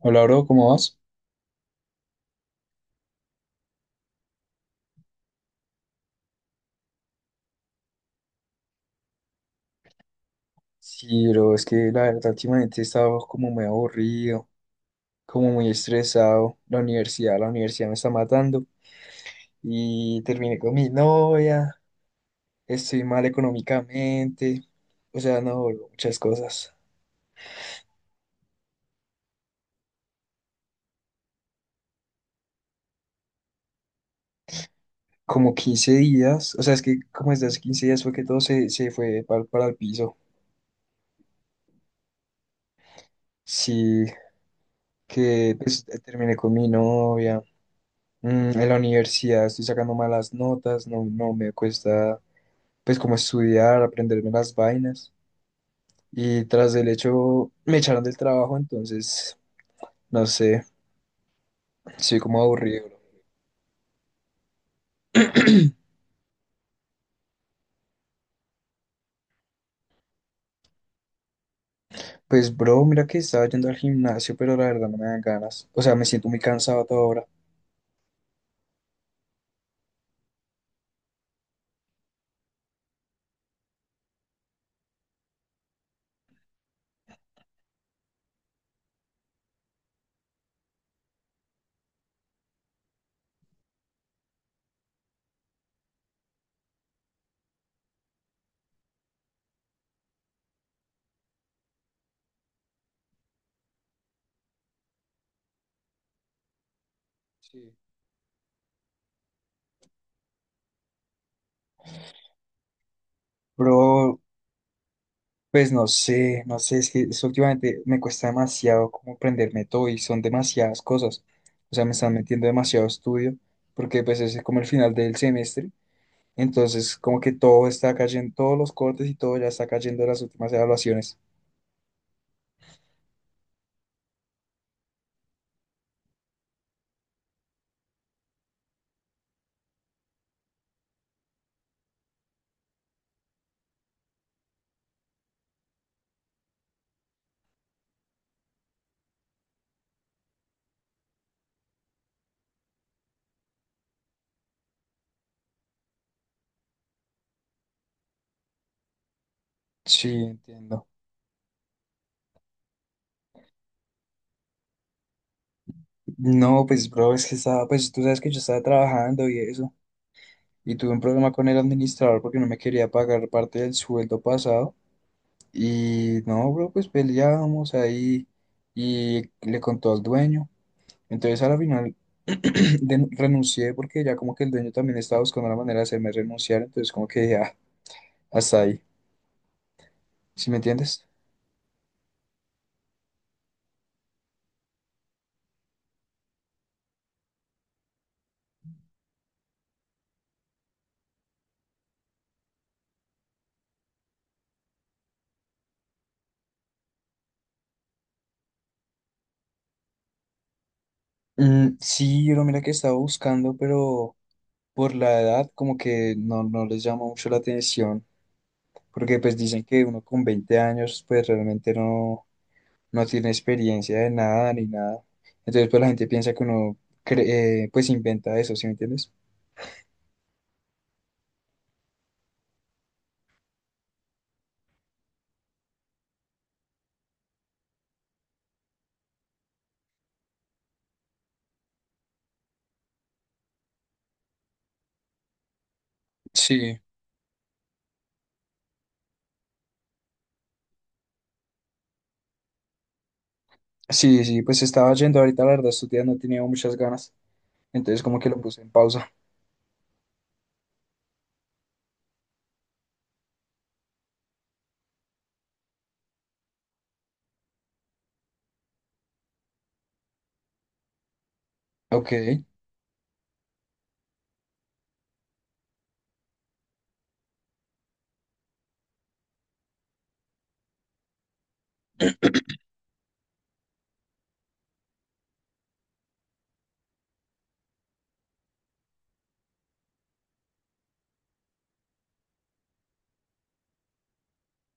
Hola, bro, ¿cómo vas? Sí, bro, es que la verdad últimamente he estado como muy aburrido, como muy estresado. La universidad me está matando y terminé con mi novia, estoy mal económicamente, o sea, no, bro, muchas cosas. Como 15 días, o sea, es que como desde hace 15 días fue que todo se fue para el piso. Sí, que pues terminé con mi novia. En la universidad estoy sacando malas notas, no, no me cuesta. Pues como estudiar, aprenderme las vainas. Y tras del hecho me echaron del trabajo, entonces, no sé, estoy como aburrido, bro. Pues, bro, mira que estaba yendo al gimnasio, pero la verdad no me dan ganas. O sea, me siento muy cansado a toda hora. Sí. Bro, pues no sé, es que eso últimamente me cuesta demasiado como prenderme todo y son demasiadas cosas. O sea, me están metiendo demasiado estudio, porque pues ese es como el final del semestre. Entonces, como que todo está cayendo, todos los cortes y todo ya está cayendo en las últimas evaluaciones. Sí, entiendo. No, pues, bro, es que estaba, pues tú sabes que yo estaba trabajando y eso. Y tuve un problema con el administrador porque no me quería pagar parte del sueldo pasado. Y no, bro, pues peleábamos ahí y le contó al dueño. Entonces, a la final renuncié porque ya como que el dueño también estaba buscando la manera de hacerme renunciar. Entonces, como que dije, ah, hasta ahí. ¿Sí me entiendes? Mm, sí, pero mira que estaba buscando, pero por la edad como que no les llama mucho la atención, porque pues dicen que uno con 20 años pues realmente no tiene experiencia de nada ni nada. Entonces pues la gente piensa que uno cre- pues inventa eso, ¿sí me entiendes? Sí, sí, sí, pues estaba yendo ahorita, la verdad, estos días no tenía muchas ganas, entonces como que lo puse en pausa. Ok.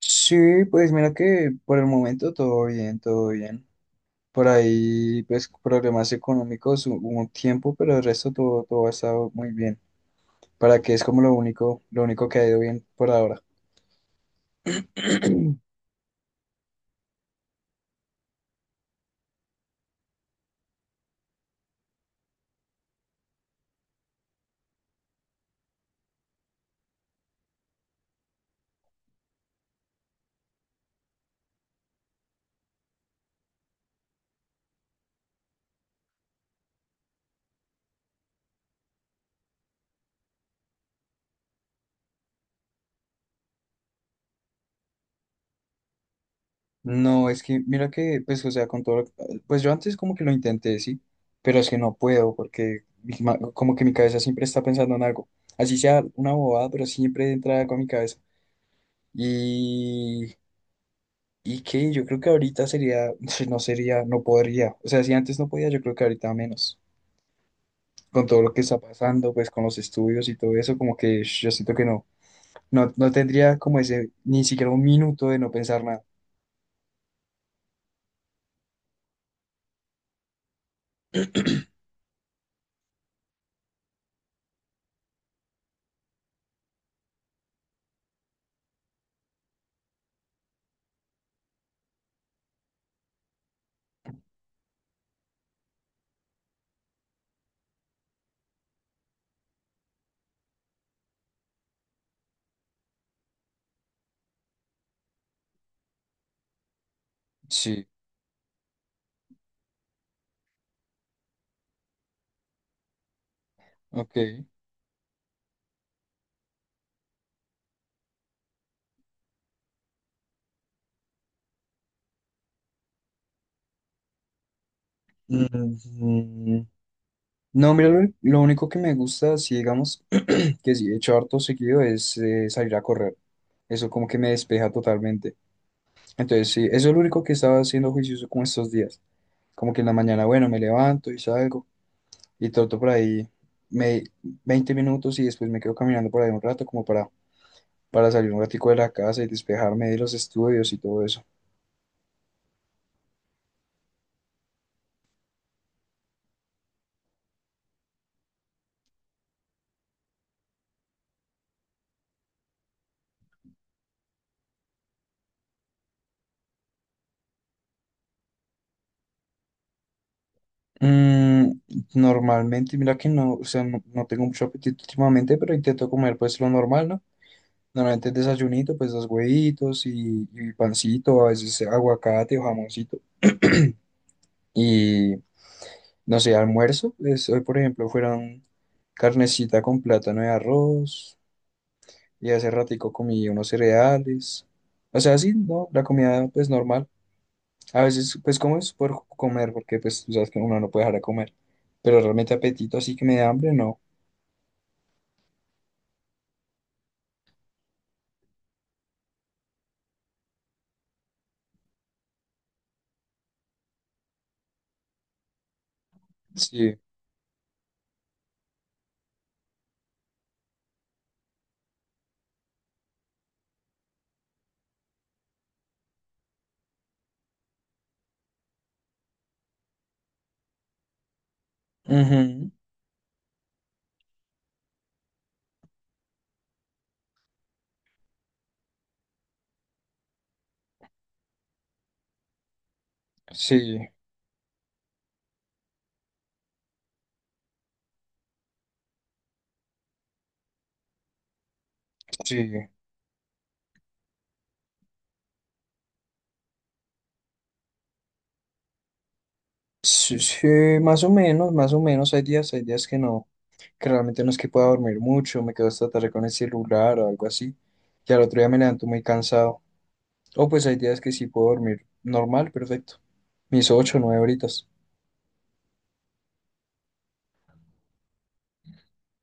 Sí, pues mira que por el momento todo bien, todo bien. Por ahí, pues, problemas económicos hubo un tiempo, pero el resto todo ha estado muy bien. Para que es como lo único que ha ido bien por ahora. No, es que mira que, pues, o sea, con todo, pues yo antes como que lo intenté, sí, pero es que no puedo porque como que mi cabeza siempre está pensando en algo, así sea una bobada, pero siempre entra algo a mi cabeza. Y, y que yo creo que ahorita sería, no sería, no podría, o sea, si antes no podía, yo creo que ahorita menos. Con todo lo que está pasando, pues con los estudios y todo eso, como que sh, yo siento que no, no tendría como ese, ni siquiera un minuto de no pensar nada. Sí, ok. Mm, no, mira, lo único que me gusta, si digamos que sí he hecho harto seguido, es salir a correr. Eso como que me despeja totalmente. Entonces, sí, eso es lo único que estaba haciendo juicioso como estos días. Como que en la mañana, bueno, me levanto y salgo y troto por ahí me, 20 minutos y después me quedo caminando por ahí un rato como para salir un ratico de la casa y despejarme de los estudios y todo eso. Mm, Normalmente, mira que no, o sea, no tengo mucho apetito últimamente, pero intento comer pues lo normal, ¿no? Normalmente desayunito, pues dos huevitos y pancito, a veces aguacate o jamoncito. Y no sé, almuerzo, pues, hoy por ejemplo fueron carnecita con plátano y arroz, y hace ratico comí unos cereales. O sea, sí, ¿no? La comida pues normal. A veces, pues como es por comer, porque pues tú sabes que uno no puede dejar de comer. Pero realmente apetito, así que me da hambre, no. Sí. Ujú. Sí, sí. Sí, sí, más o menos, más o menos. Hay días que no, que realmente no es que pueda dormir mucho, me quedo hasta tarde con el celular o algo así. Y al otro día me levanto muy cansado. O pues hay días que sí puedo dormir normal, perfecto. Mis 8 o 9 horitas.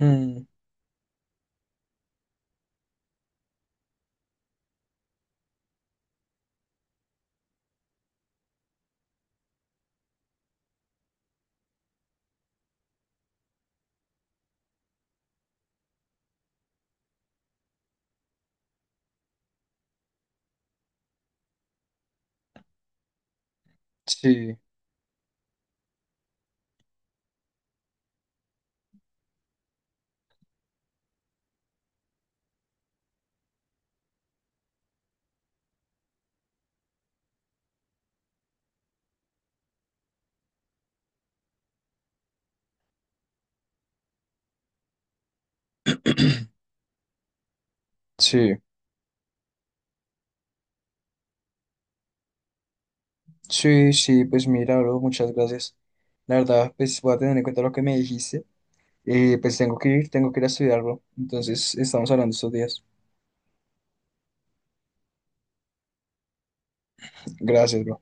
Mm, sí, sí. Sí, sí, pues mira, bro, muchas gracias. La verdad, pues voy a tener en cuenta lo que me dijiste. Pues tengo que ir a estudiar, bro. Entonces, estamos hablando estos días. Gracias, bro.